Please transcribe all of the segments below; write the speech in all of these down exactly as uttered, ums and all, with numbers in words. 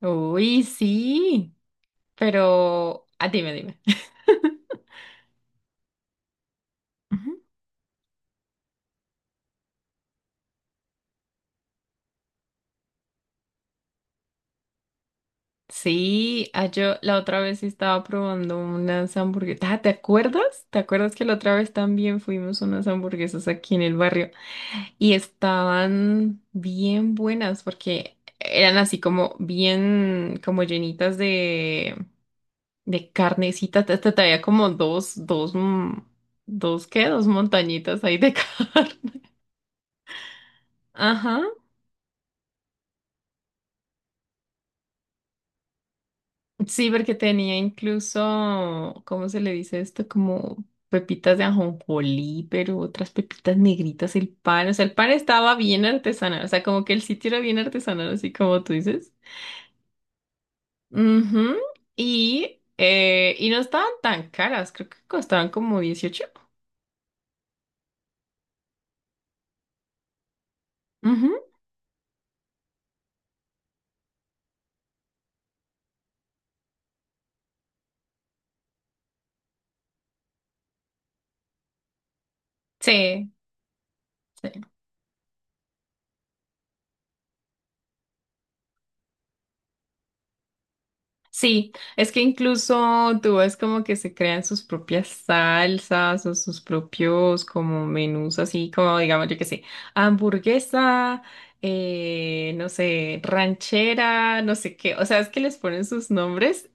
Uy, sí, pero ah, dime, dime. Ujú. Sí, ah, yo la otra vez estaba probando unas hamburguesas. Ah, ¿te acuerdas? ¿Te acuerdas que la otra vez también fuimos a unas hamburguesas aquí en el barrio? Y estaban bien buenas porque eran así como bien, como llenitas de, de carnecita. Te, te- te había como dos, dos, mm, dos, ¿qué? Dos montañitas ahí de carne. Ajá. Sí, porque tenía incluso, ¿cómo se le dice esto? Como pepitas de ajonjolí, pero otras pepitas negritas, el pan. O sea, el pan estaba bien artesanal. O sea, como que el sitio era bien artesanal, así como tú dices. Ujú. Y, eh, y no estaban tan caras, creo que costaban como dieciocho. Ujú. Sí. Sí. Sí, es que incluso tú ves como que se crean sus propias salsas o sus propios como menús así como digamos yo qué sé, hamburguesa, eh, no sé, ranchera, no sé qué, o sea, es que les ponen sus nombres,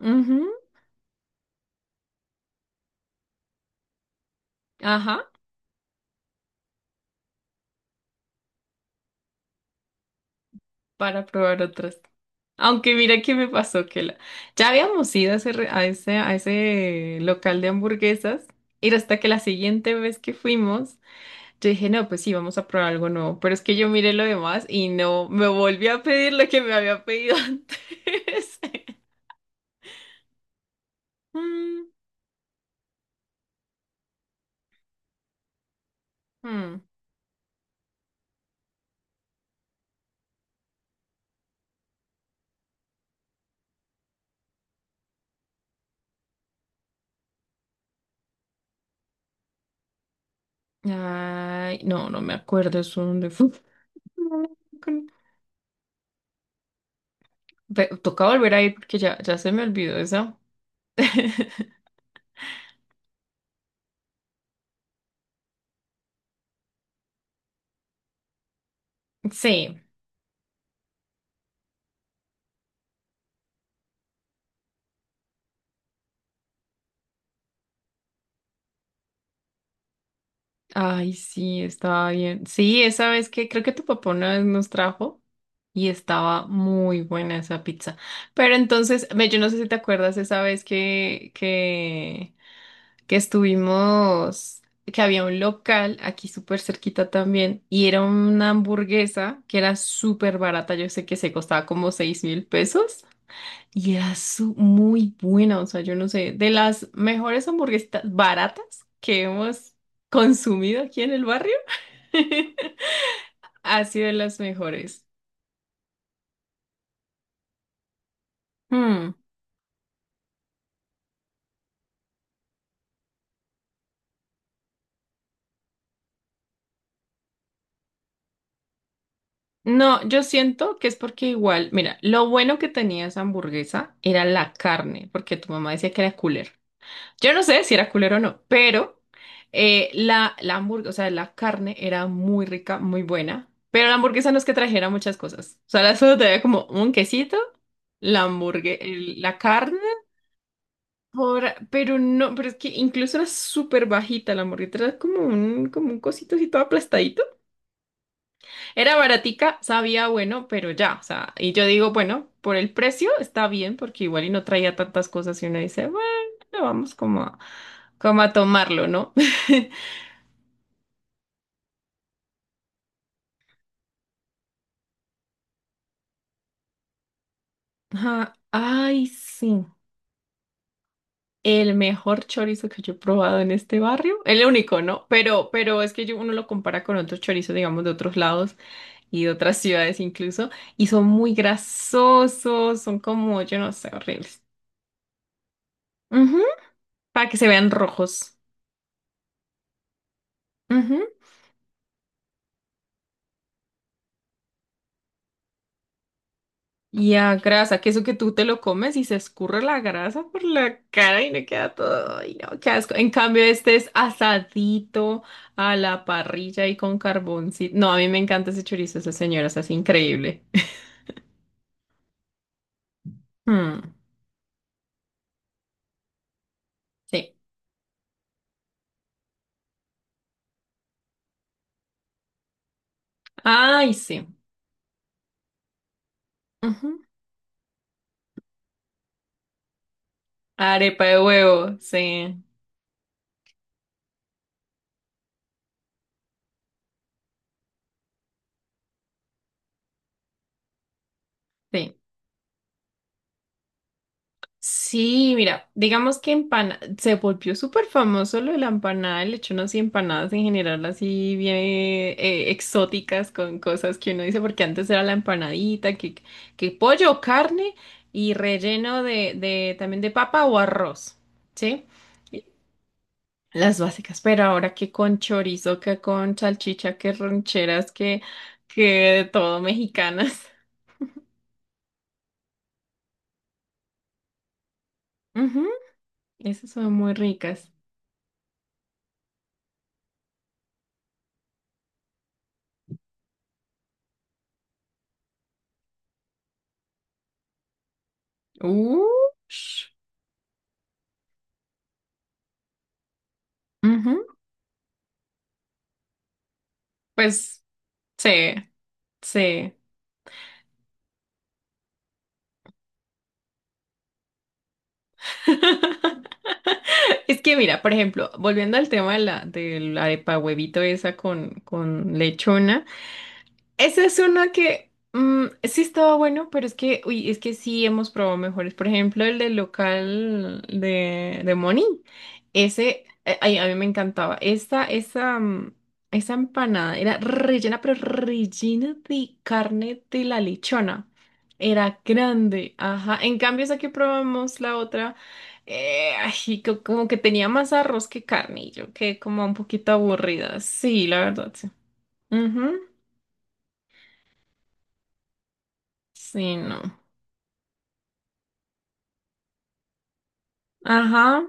ujú, ajá, para probar otras. Aunque mira qué me pasó que la... Ya habíamos ido a ese, re- a ese, a ese local de hamburguesas y hasta que la siguiente vez que fuimos, yo dije, no, pues sí, vamos a probar algo nuevo. Pero es que yo miré lo demás y no, me volví a pedir lo que me había pedido antes. Mm, mm. Ay, no, no me acuerdo eso dónde fue. No, con- Ve- Toca volver a ir porque ya, ya se me olvidó esa. Sí, ay, sí, estaba bien. Sí, esa vez que creo que tu papá una vez nos trajo y estaba muy buena esa pizza. Pero entonces, ve, yo no sé si te acuerdas esa vez que, que que estuvimos, que había un local aquí súper cerquita también y era una hamburguesa que era súper barata, yo sé que se costaba como seis mil pesos y era su- muy buena, o sea, yo no sé, de las mejores hamburguesas baratas que hemos consumido aquí en el barrio, ha sido de las mejores. Hmm. No, yo siento que es porque igual, mira, lo bueno que tenía esa hamburguesa era la carne, porque tu mamá decía que era. Yo no sé si era culero o no, pero eh, la, la hamburguesa, o sea, la carne era muy rica, muy buena, pero la hamburguesa no es que trajera muchas cosas. O sea, la solo te como un quesito, la hamburgue, el- la carne, por, pero no, pero es que incluso era súper bajita la hamburguesa, era como un, como un cosito así todo aplastadito. Era baratica, sabía bueno, pero ya, o sea, y yo digo, bueno, por el precio está bien, porque igual y no traía tantas cosas y uno dice, bueno, vamos como a, como a tomarlo, ¿no? Ajá, ay, sí, el mejor chorizo que yo he probado en este barrio, el único, ¿no? Pero, pero es que yo- uno lo compara con otros chorizos, digamos, de otros lados y de otras ciudades incluso, y son muy grasosos, son como, yo no sé, horribles. Ujú. Para que se vean rojos. Ya, grasa, que eso que tú te lo comes y se escurre la grasa por la cara y le queda todo. Ay, no, qué asco. En cambio, este es asadito a la parrilla y con carboncito. No, a mí me encanta ese chorizo, esa señora, es así increíble. Mm, sí. Ay, sí. Ujú. Arepa de huevo, sí. Sí. Sí, mira, digamos que empana se volvió súper famoso lo de la empanada, el hecho unas empanadas en general así bien eh, eh, exóticas con cosas que uno dice, porque antes era la empanadita, que, que pollo o carne y relleno de, de también de papa o arroz, ¿sí? Las básicas, pero ahora que con chorizo, que con salchicha, que rancheras, que, que todo mexicanas. Ujú, esas son muy ricas. Ush. Ujú. Pues sí, sí. Es que mira, por ejemplo, volviendo al tema de la, de la arepa huevito esa con, con lechona. Esa es una que mm, sí estaba bueno, pero es que, uy, es que sí hemos probado mejores. Por ejemplo, el del local de, de Moni. Ese, eh, ay, a mí me encantaba. Esa, esa, mm, esa empanada era rellena, pero rellena de carne de la lechona. Era grande, ajá. En cambio, esa que probamos, la otra, eh, ay, co- como que tenía más arroz que carne. Y yo quedé como un poquito aburrida. Sí, la verdad, sí. Ujú. Sí, no. Ajá.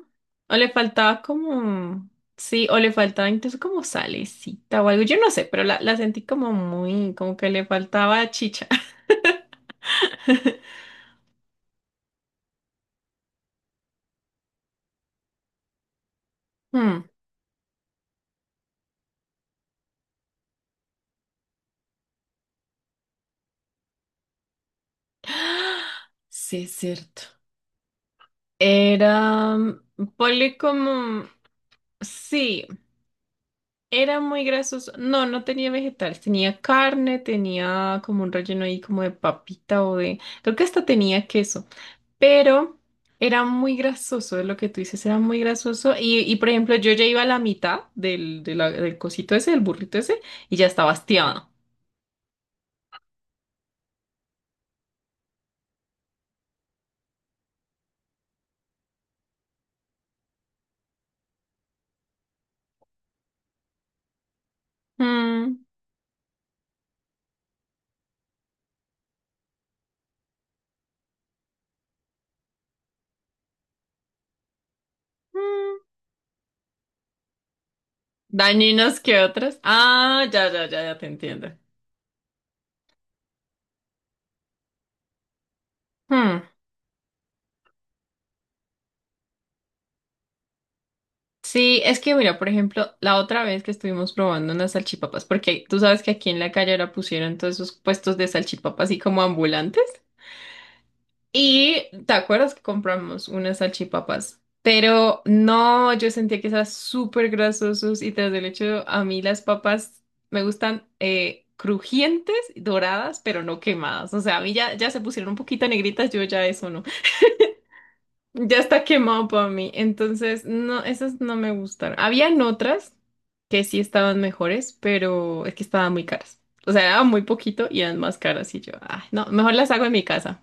O le faltaba como, sí, o le faltaba incluso como salecita o algo, yo no sé, pero la, la sentí como muy, como que le faltaba chicha. Hmm. Sí, es cierto. Era, mm, ponle como, sí, era muy grasoso. No, no tenía vegetales. Tenía carne, tenía como un relleno ahí como de papita o de... Creo que hasta tenía queso. Pero era muy grasoso, es lo que tú dices, era muy grasoso. Y, y, por ejemplo, yo ya iba a la mitad del, de la- del cosito ese, del burrito ese, y ya estaba hastiado. Mm, mm. Dañinos que otras. Ah, ya, ya, ya, ya te entiendo. Mm. Sí, es que mira, por ejemplo, la otra vez que estuvimos probando unas salchipapas, porque tú sabes que aquí en la calle ahora pusieron todos esos puestos de salchipapas así como ambulantes. Y te acuerdas que compramos unas salchipapas, pero no, yo sentía que eran súper grasosos y tras el hecho, a mí las papas me gustan eh, crujientes, doradas, pero no quemadas. O sea, a mí ya, ya se pusieron un poquito negritas, yo ya eso no. Ya está quemado para mí. Entonces, no, esas no me gustaron. Habían otras que sí estaban mejores, pero es que estaban muy caras. O sea, daban muy poquito y eran más caras. Y yo, ay, no, mejor las hago en mi casa.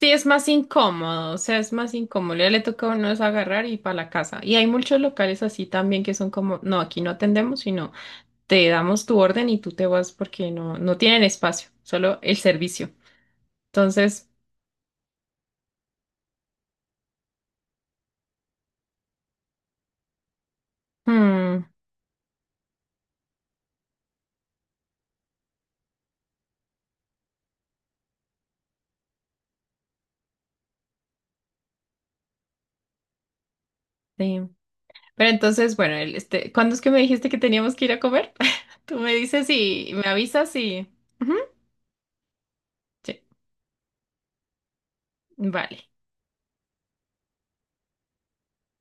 Sí, es más incómodo, o sea, es más incómodo. Ya le toca a uno es agarrar y para la casa. Y hay muchos locales así también que son como, no, aquí no atendemos, sino te damos tu orden y tú te vas porque no, no tienen espacio, solo el servicio. Entonces, hmm, sí. Pero entonces, bueno, el- este, ¿cuándo es que me dijiste que teníamos que ir a comer? Tú me dices y me avisas y... Ujú, sí, vale.